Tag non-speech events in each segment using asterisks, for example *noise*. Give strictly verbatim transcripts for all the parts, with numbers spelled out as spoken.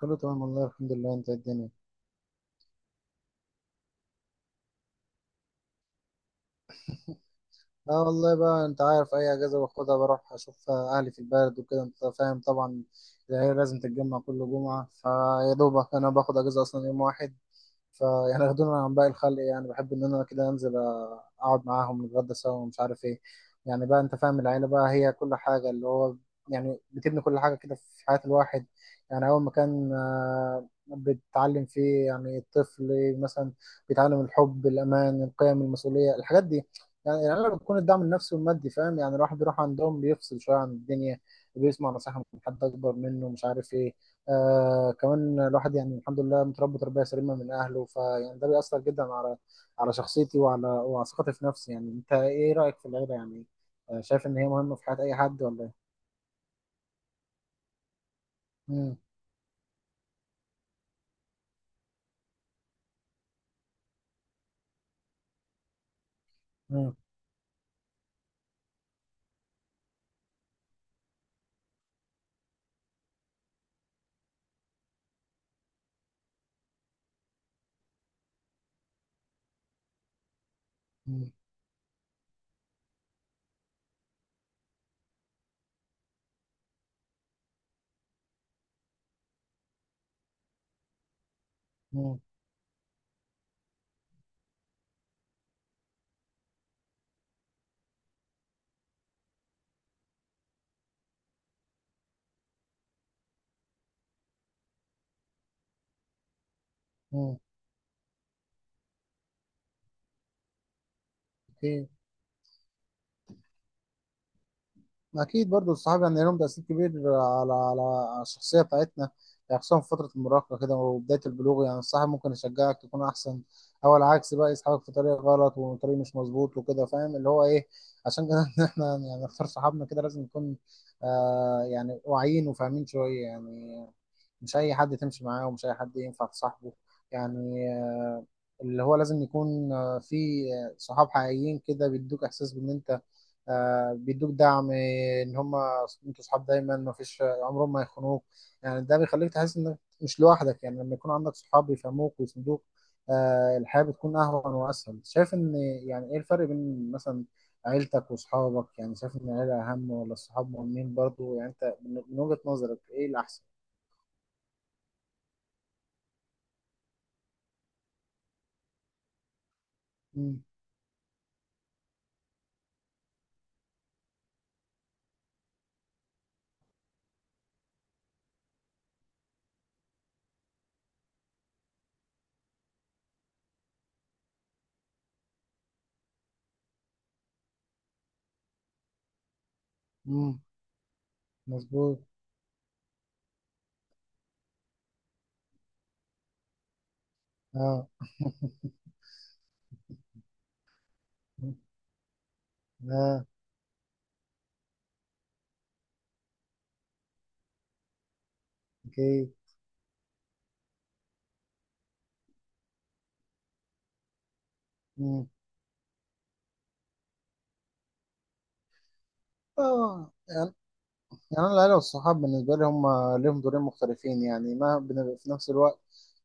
كله تمام والله الحمد لله. انت ايه الدنيا؟ اه والله، بقى انت عارف اي اجازه باخدها بروح اشوف اهلي في البلد وكده انت فاهم طبعا. العيله لازم تتجمع كل جمعه، فيا دوبك انا باخد اجازه اصلا يوم واحد. فيعني ياخدونا عن باقي الخلق، يعني بحب ان انا كده انزل اقعد معاهم نتغدى سوا ومش عارف ايه. يعني بقى انت فاهم، العيله بقى هي كل حاجه، اللي هو يعني بتبني كل حاجه كده في حياه الواحد. يعني اول مكان آه، بتتعلم فيه، يعني الطفل مثلا بيتعلم الحب الامان القيم المسؤوليه الحاجات دي. يعني العيله بتكون الدعم النفسي والمادي، فاهم؟ يعني الواحد بيروح عندهم بيفصل شويه عن الدنيا، بيسمع نصيحه من حد اكبر منه، مش عارف ايه. آه كمان الواحد يعني الحمد لله متربي تربية سليمة من أهله، فيعني ده بيأثر جدا على على شخصيتي وعلى وعلى ثقتي في نفسي. يعني أنت إيه رأيك في العيلة؟ يعني آه شايف إن هي مهمة في حياة أي حد ولا إيه؟ مم، مم، مم، مم، مم. أكيد. أكيد، برضو الصحاب يعني لهم تأثير كبير على على على الشخصية بتاعتنا. يعني خصوصا في فترة المراهقة كده وبداية البلوغ، يعني الصاحب ممكن يشجعك تكون أحسن، أو العكس بقى يسحبك في طريق غلط وطريق مش مظبوط وكده، فاهم اللي هو إيه. عشان كده *laughs* إحنا يعني نختار صحابنا كده، لازم نكون آه يعني واعيين وفاهمين شوية يعني. مش أي حد تمشي معاه ومش أي حد ينفع تصاحبه. يعني اللي هو لازم يكون آه، في آه، صحاب حقيقيين كده بيدوك احساس بان انت آه، بيدوك دعم، آه، ان هم انتوا صحاب دايما ما فيش عمرهم ما يخونوك. يعني ده بيخليك تحس انك مش لوحدك، يعني لما يكون عندك صحاب بيفهموك ويسندوك. آه، الحياة بتكون اهون واسهل. شايف ان يعني ايه الفرق بين مثلا عيلتك وصحابك؟ يعني شايف ان العيلة اهم ولا الصحاب مهمين برضو؟ يعني انت من من وجهة نظرك ايه الاحسن؟ امم، امم، مظبوط، اه، *laughs* اه، اوكي، مم. اه يعني، يعني أنا العيلة والصحاب بالنسبة لي هم ليهم دورين مختلفين، يعني ما بن- في نفس الوقت.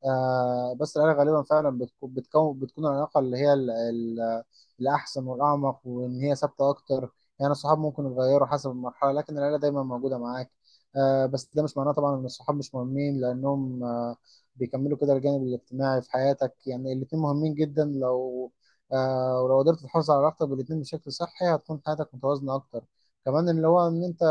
آه بس العيلة غالبا فعلا بتكون بتكون بتكون العلاقة اللي هي ال- ال- الأحسن والأعمق، وإن هي ثابتة أكتر. يعني الصحاب ممكن يتغيروا حسب المرحلة، لكن العيلة دايما موجودة معاك. آه بس ده مش معناه طبعا إن الصحاب مش مهمين، لأنهم آه بيكملوا كده الجانب الاجتماعي في حياتك. يعني الاتنين مهمين جدا، لو آه، ولو قدرت تحافظ على علاقتك بالاتنين بشكل صحي هتكون حياتك متوازنة أكتر. كمان اللي هو ان انت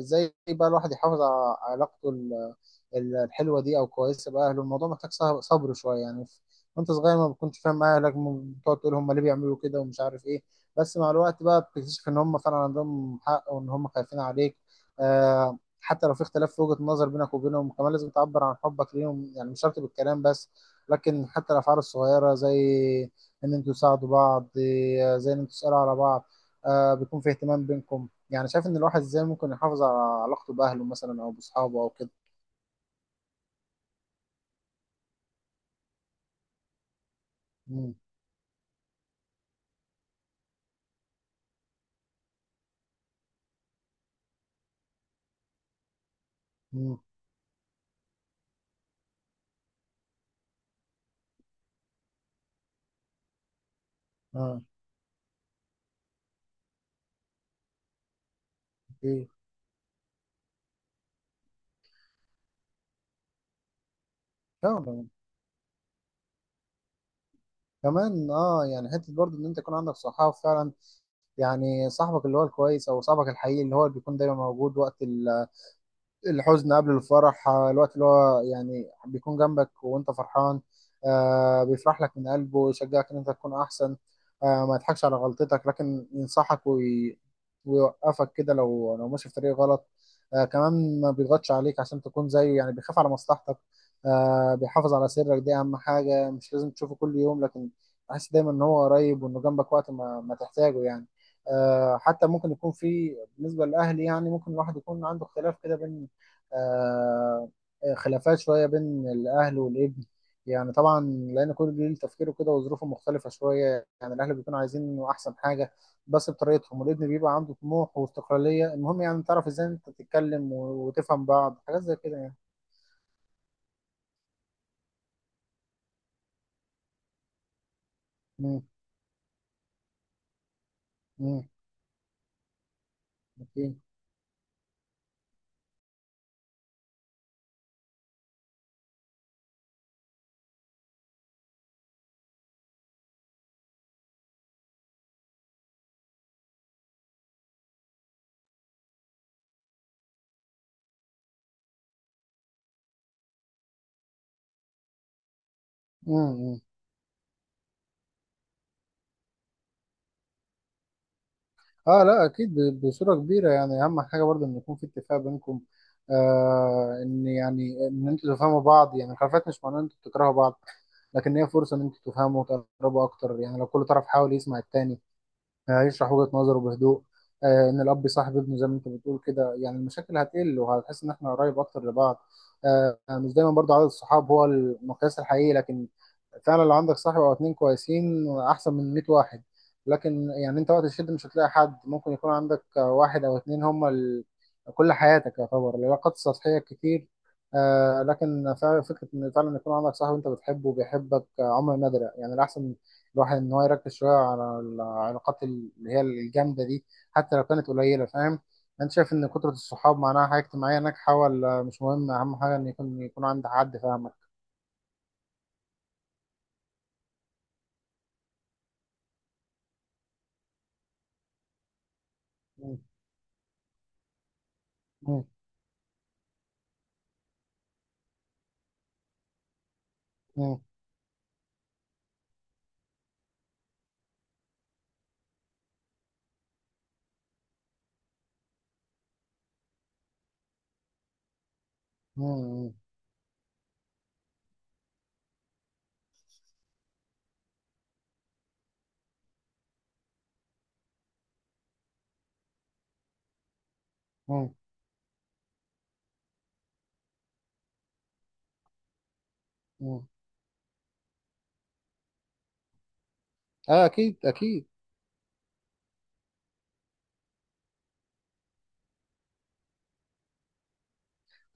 ازاي بقى الواحد يحافظ على علاقته ال- ال- الحلوه دي او كويسه باهله؟ الموضوع محتاج صه- صبر شويه، يعني ف- وانت صغير ما بتكونش فاهم اهلك، م- بتقعد تقول هم ليه بيعملوا كده ومش عارف ايه. بس مع الوقت بقى بتكتشف ان هم فعلا عندهم حق وان هم خايفين عليك. آه حتى لو في اختلاف في وجهه النظر بينك وبينهم كمان لازم تعبر عن حبك ليهم، يعني مش شرط بالكلام بس، لكن حتى الافعال الصغيره، زي ان انتوا تساعدوا بعض، آه، زي ان انتوا تسالوا على بعض، آه بيكون في اهتمام بينكم. يعني شايف ان الواحد ازاي ممكن يحافظ على علاقته باهله مثلا او باصحابه او كده؟ امم، امم، اه، ايه، فعلا. كمان اه يعني حته برضه ان انت يكون عندك صحاب فعلا، يعني صاحبك اللي هو الكويس او صاحبك الحقيقي اللي هو اللي بيكون دايما موجود وقت ال الحزن قبل الفرح. آه، الوقت اللي هو يعني بيكون جنبك وانت فرحان، آه، بيفرح لك من قلبه، يشجعك ان انت تكون احسن، آه، ما يضحكش على غلطتك، لكن ينصحك وي... ويوقفك كده لو لو ماشي في طريق غلط. آه، كمان ما بيضغطش عليك عشان تكون زيه، يعني بيخاف على مصلحتك، آه، بيحافظ على سرك، دي اهم حاجة. مش لازم تشوفه كل يوم، لكن تحس دايما ان هو قريب وانه جنبك وقت ما, ما تحتاجه يعني. آه، حتى ممكن يكون في، بالنسبة للأهل، يعني ممكن الواحد يكون عنده اختلاف كده بين آه، خلافات شوية بين الأهل والابن، يعني طبعا لأن كل جيل تفكيره كده وظروفه مختلفة شوية. يعني الأهل بيكونوا عايزين إنه أحسن حاجة بس بطريقتهم، والابن بيبقى عنده طموح واستقلالية. المهم يعني تعرف إزاي أنت تتكلم و- وتفهم بعض حاجات زي كده يعني. مم، مم، أكيد. مم، اه لا اكيد ب- بصوره كبيره، يعني اهم حاجه برضه ان يكون في اتفاق بينكم. آه ان يعني ان انتوا تفهموا بعض، يعني الخلافات مش معناه ان انتوا بتكرهوا بعض، لكن هي فرصه ان انتوا تفهموا وتقربوا اكتر. يعني لو كل طرف حاول يسمع التاني هيشرح وجهة نظره بهدوء. آه، ان الاب يصاحب ابنه زي ما انت بتقول كده، يعني المشاكل هتقل وهتحس ان احنا قريب اكتر لبعض. آه، مش دايما برضه عدد الصحاب هو المقياس الحقيقي، لكن فعلا لو عندك صاحب او اتنين كويسين احسن من مية واحد. لكن يعني انت وقت الشد مش هتلاقي حد، ممكن يكون عندك واحد او اتنين هم ال... كل حياتك. يعتبر العلاقات السطحية كتير. آه لكن فعلا فكرة ان فعلا يكون عندك صاحب انت بتحبه وبيحبك آه، عمر نادرة. يعني الاحسن الواحد ان هو يركز شوية على العلاقات اللي هي الجامدة دي حتى لو كانت قليلة، فاهم. انت شايف ان كثرة الصحاب معناها حاجة اجتماعية ناجحة ولا مش مهم؟ اهم حاجة ان يكون يكون عند حد فاهمك. مم. مم. مم. مم. مم. مم. اه اكيد اكيد.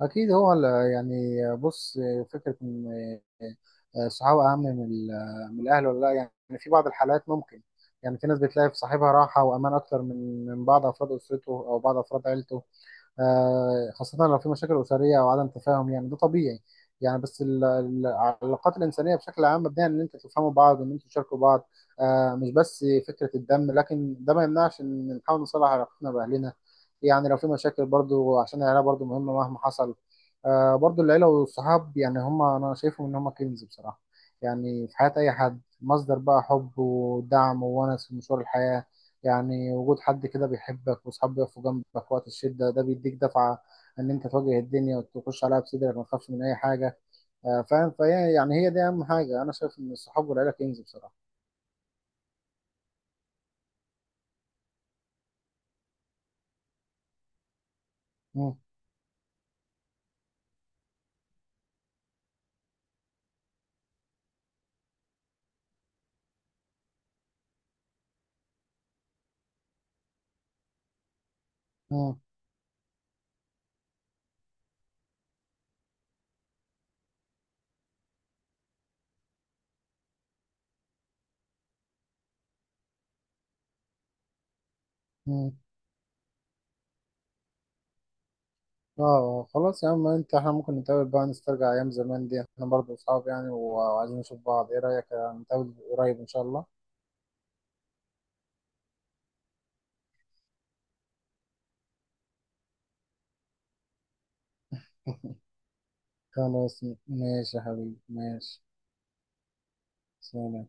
اكيد هو ال- يعني. بص، فكرة ان آه، الصحاب اهم من ال- من الاهل ولا لا يعني، في بعض الحالات ممكن. يعني في ناس بتلاقي في صاحبها راحة وامان اكتر من من بعض افراد اسرته او بعض افراد عيلته، آه، خاصة لو في مشاكل أسرية أو عدم تفاهم، يعني ده طبيعي. يعني بس ال- ال- العلاقات الإنسانية بشكل عام مبنية على إن أنتوا تفهموا بعض وإن أنتوا تشاركوا بعض، آه، مش بس فكرة الدم. لكن ده ما يمنعش إن نحاول نصلح علاقتنا بأهلنا، يعني لو في مشاكل، برضو عشان العيلة برضو مهمة مهما حصل. آه، برضو العيلة والصحاب يعني هما أنا شايفهم إن هما كنز بصراحة، يعني في حياة أي حد مصدر بقى حب ودعم وونس في مشوار الحياة. يعني وجود حد كده بيحبك واصحاب بيقفوا جنبك وقت الشدة ده بيديك دفعة ان انت تواجه الدنيا وتخش عليها بصدرك ما تخافش من اي حاجة. آه، فاهم. فهي يعني هي دي اهم حاجة، انا شايف ان الصحاب والعيلة كنز بصراحة. مم. مم. مم. اه خلاص يا عم انت، احنا ممكن نتقابل بقى نسترجع ايام زمان دي، احنا برضه اصحاب يعني وعايزين نشوف بعض، ايه رأيك؟ آه، نتقابل قريب ان شاء الله. *laughs* خلاص ماشي يا حبيبي ماشي. سلام.